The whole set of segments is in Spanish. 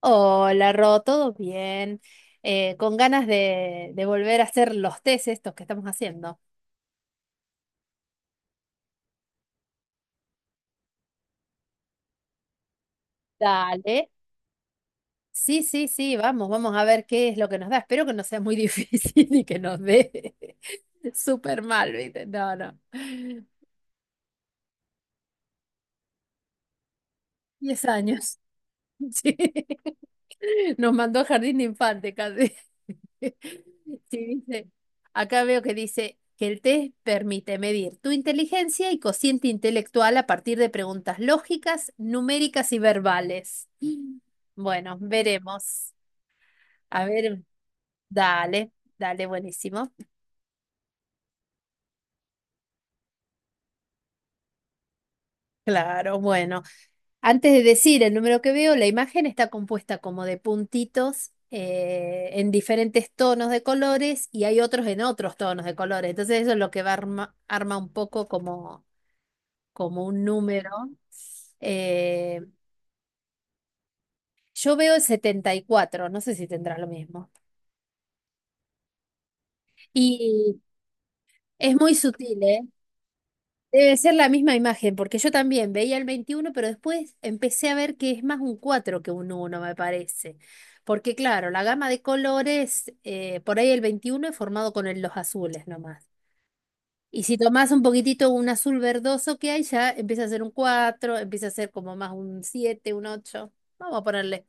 Hola, Ro, ¿todo bien? Con ganas de volver a hacer los test estos que estamos haciendo. Dale. Sí, sí, sí, vamos, vamos a ver qué es lo que nos da. Espero que no sea muy difícil y que nos dé súper mal, ¿viste? No, no. Diez años. Sí. Nos mandó a jardín de infante casi. Sí, dice, acá veo que dice que el test permite medir tu inteligencia y cociente intelectual a partir de preguntas lógicas, numéricas y verbales. Bueno, veremos. A ver, dale, dale, buenísimo. Claro, bueno. Antes de decir el número que veo, la imagen está compuesta como de puntitos en diferentes tonos de colores y hay otros en otros tonos de colores. Entonces eso es lo que va arma un poco como como un número. eh, yo veo el setenta y cuatro, no sé si tendrá lo mismo. Y es muy sutil, ¿eh? Debe ser la misma imagen, porque yo también veía el 21 pero después empecé a ver que es más un 4 que un uno, me parece. Porque claro, la gama de colores, por ahí el 21 es formado con los azules nomás. Y si tomás un poquitito un azul verdoso que hay, ya empieza a ser un cuatro, empieza a ser como más un siete, un ocho. Vamos a ponerle.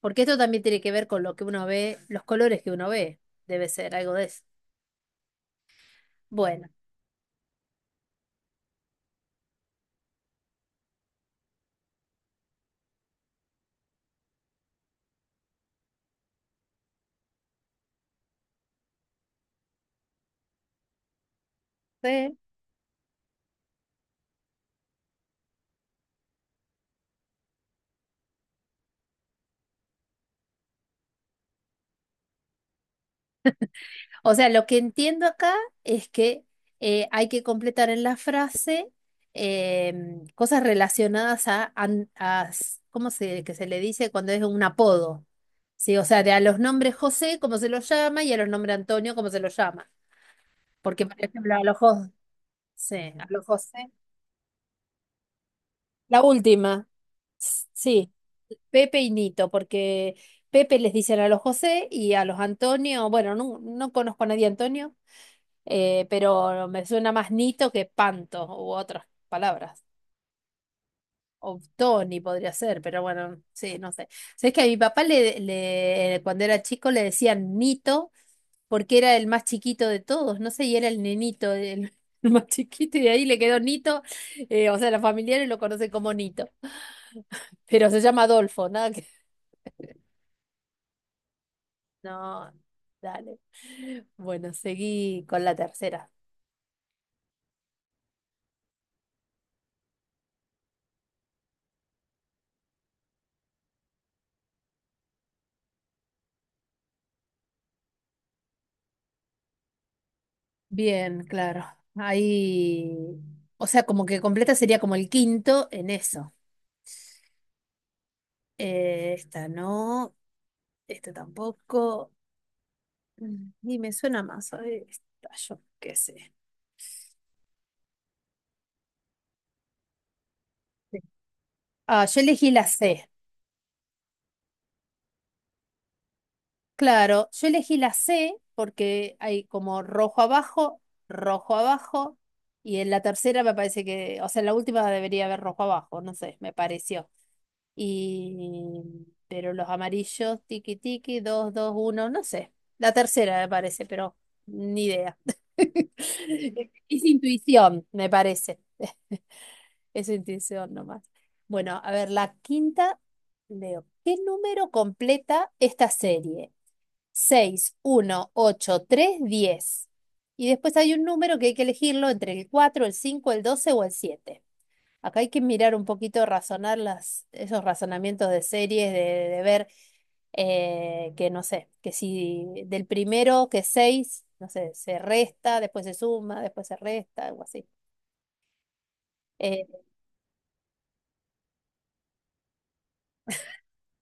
Porque esto también tiene que ver con lo que uno ve, los colores que uno ve. Debe ser algo de eso. Bueno, sí. O sea, lo que entiendo acá es que hay que completar en la frase cosas relacionadas a, an- a s- ¿cómo se, que se le dice cuando es un apodo? Sí, o sea, de a los nombres José, cómo se los llama, y a los nombres Antonio, cómo se los llama. Porque, por ejemplo, a los José, sí, a los José. La última, sí. Pepe y Nito, porque Pepe les dicen a los José y a los Antonio, bueno, no, no conozco a nadie Antonio, pero me suena más Nito que Panto u otras palabras. O Tony podría ser, pero bueno, sí, no sé. Sabes que a mi papá cuando era chico le decían Nito porque era el más chiquito de todos, no sé, y era el nenito, el, el más chiquito, y de ahí le quedó Nito, o sea, los familiares lo conocen como Nito, pero se llama Adolfo, nada. No, dale. Bueno, seguí con la tercera. Bien, claro. Ahí, o sea, como que completa sería como el quinto en eso. Esta no, esta tampoco. Y me suena más, a ver, esta, yo qué sé. Sí. Ah, yo elegí la C. Claro, yo elegí la C porque hay como rojo abajo, y en la tercera me parece que, o sea, en la última debería haber rojo abajo, no sé, me pareció. Y, pero los amarillos, tiki tiki, dos, dos, uno, no sé. La tercera me parece, pero ni idea. Es intuición, me parece. Es intuición nomás. Bueno, a ver, la quinta, leo. ¿Qué número completa esta serie? Seis, uno, ocho, tres, diez. Y después hay un número que hay que elegirlo entre el cuatro, el cinco, el 12 o el siete. Acá hay que mirar un poquito, razonar esos razonamientos de series, de ver que no sé, que si del primero que seis, no sé, se resta, después se suma, después se resta, algo así. Eh,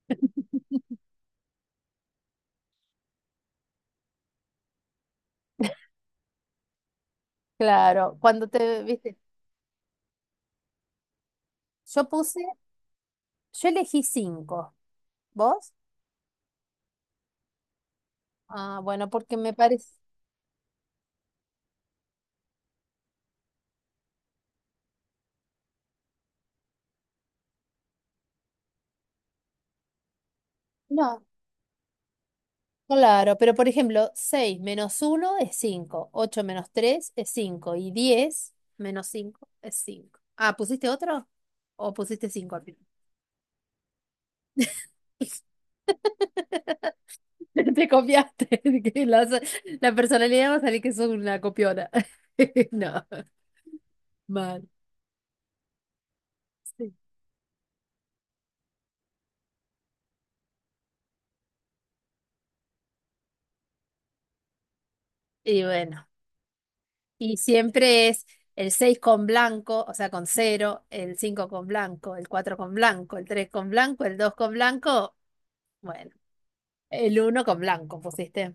claro, cuando te, viste, yo puse, yo elegí cinco. ¿Vos? Ah, bueno, porque me parece. No. Claro, pero por ejemplo, 6 menos uno es 5, 8 menos 3 es 5 y 10 menos 5 es 5. Ah, ¿pusiste otro? ¿O pusiste 5 al final? Te copiaste. Que la personalidad va a salir que sos una copiona. No, mal. Sí. Y bueno, y siempre es el 6 con blanco, o sea, con cero, el 5 con blanco, el 4 con blanco, el 3 con blanco, el 2 con blanco, bueno, el uno con blanco pusiste.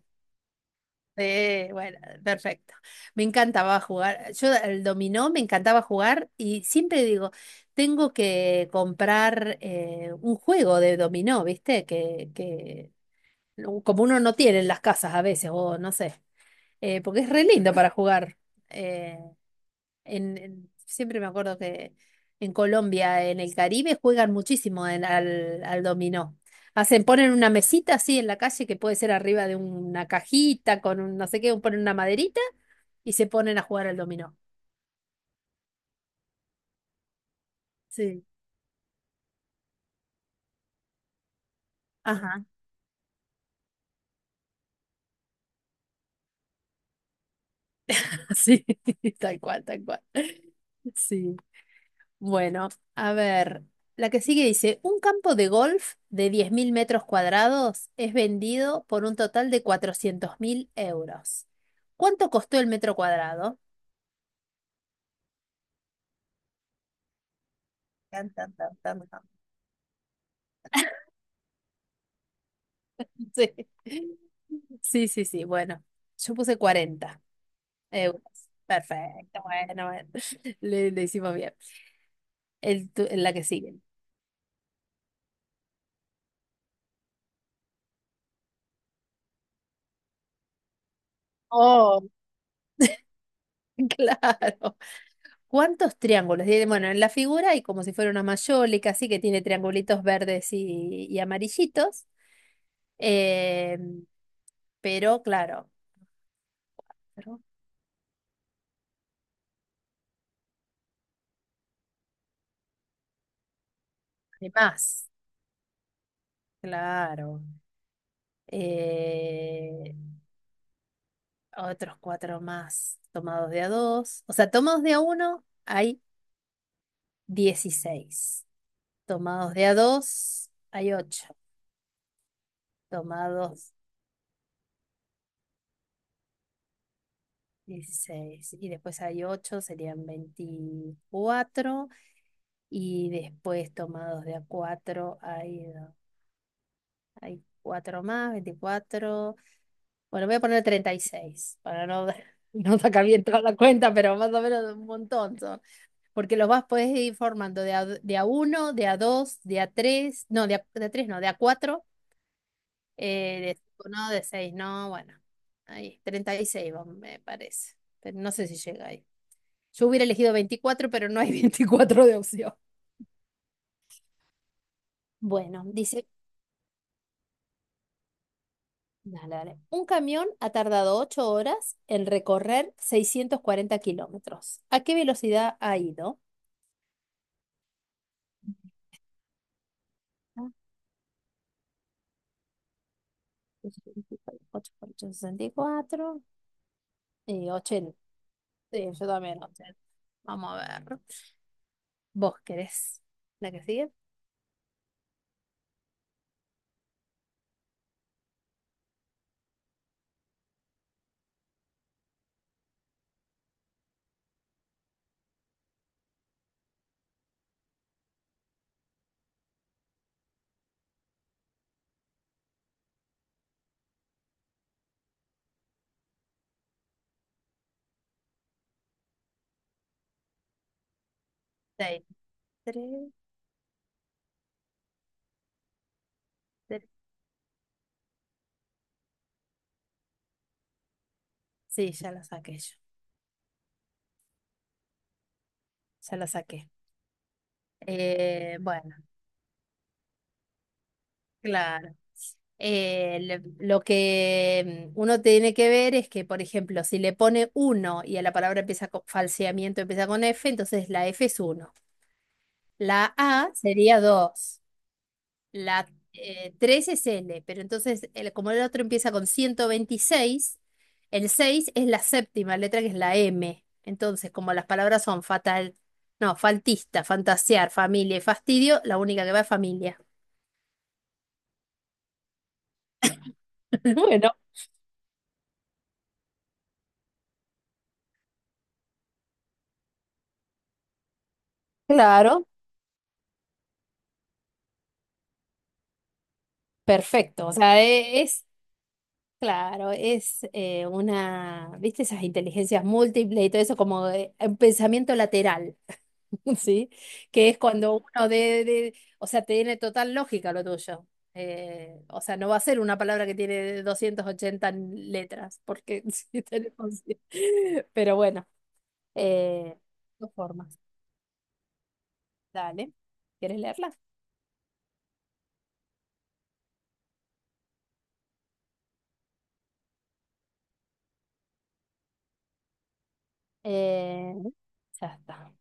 Sí, bueno, perfecto. Me encantaba jugar. Yo el dominó me encantaba jugar y siempre digo, tengo que comprar un juego de dominó, ¿viste? Que no- Como uno no tiene en las casas a veces, o no sé, porque es re lindo para jugar. eh, Siempre me acuerdo que en Colombia, en el Caribe, juegan muchísimo al dominó. Hacen, ponen una mesita así en la calle que puede ser arriba de una cajita con un no sé qué, ponen una maderita y se ponen a jugar al dominó. Sí, ajá, sí, tal cual, tal cual. Sí. Bueno, a ver, la que sigue dice, un campo de golf de 10.000 metros cuadrados es vendido por un total de 400.000 euros. ¿Cuánto costó el metro cuadrado? Tan, tan, tan, tan, tan. Sí, sí, sí, sí. Bueno, yo puse 40 euros. Perfecto, bueno, bueno. Le hicimos bien. La que sigue. Oh, claro. ¿Cuántos triángulos? Bueno, en la figura hay como si fuera una mayólica, así que tiene triangulitos verdes y amarillitos. Eh, pero claro, pero hay más. Claro. Eh, otros cuatro más tomados de a dos. O sea, tomados de a uno hay 16, tomados de a dos hay 8, tomados 16 y después hay ocho, serían 24. Y después tomados de a 4 hay, hay 4 más, 24. Bueno, voy a poner 36 para no, no sacar bien toda la cuenta, pero más o menos un montón. Porque los vas podés ir formando de a uno, de a dos, de a tres, no, de a tres no, de a cuatro, de cinco no, de seis no, bueno, ahí, 36 me parece, pero no sé si llega ahí. Yo hubiera elegido 24, pero no hay 24 de opción. Bueno, dice, dale, dale. Un camión ha tardado 8 horas en recorrer 640 kilómetros. ¿A qué velocidad ha ido? Ah, 8 por ocho, 64, 80. Sí, yo también. Entonces, vamos a ver. ¿Vos querés la que sigue? Seis, tres, tres. Sí, ya la saqué yo. Ya la saqué. Bueno, claro. Lo que uno tiene que ver es que, por ejemplo, si le pone uno y a la palabra empieza con falseamiento, empieza con F, entonces la F es uno. La A sería dos. La 3 es L, pero entonces, como el otro empieza con 126, el 6 es la séptima letra que es la M. Entonces, como las palabras son fatal, no, faltista, fantasear, familia y fastidio, la única que va es familia. Bueno, claro, perfecto. O sea, es, claro, es una, ¿viste? Esas inteligencias múltiples y todo eso, como un pensamiento lateral. ¿Sí? Que es cuando uno o sea, tiene total lógica lo tuyo. O sea, no va a ser una palabra que tiene 280 letras, porque sí tenemos... Pero bueno, eh, dos formas. Dale, ¿quieres leerla? Eh, ya está,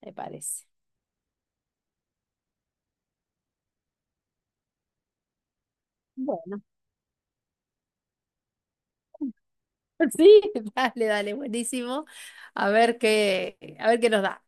me parece. Bueno, sí, dale, dale, buenísimo. A ver qué nos da.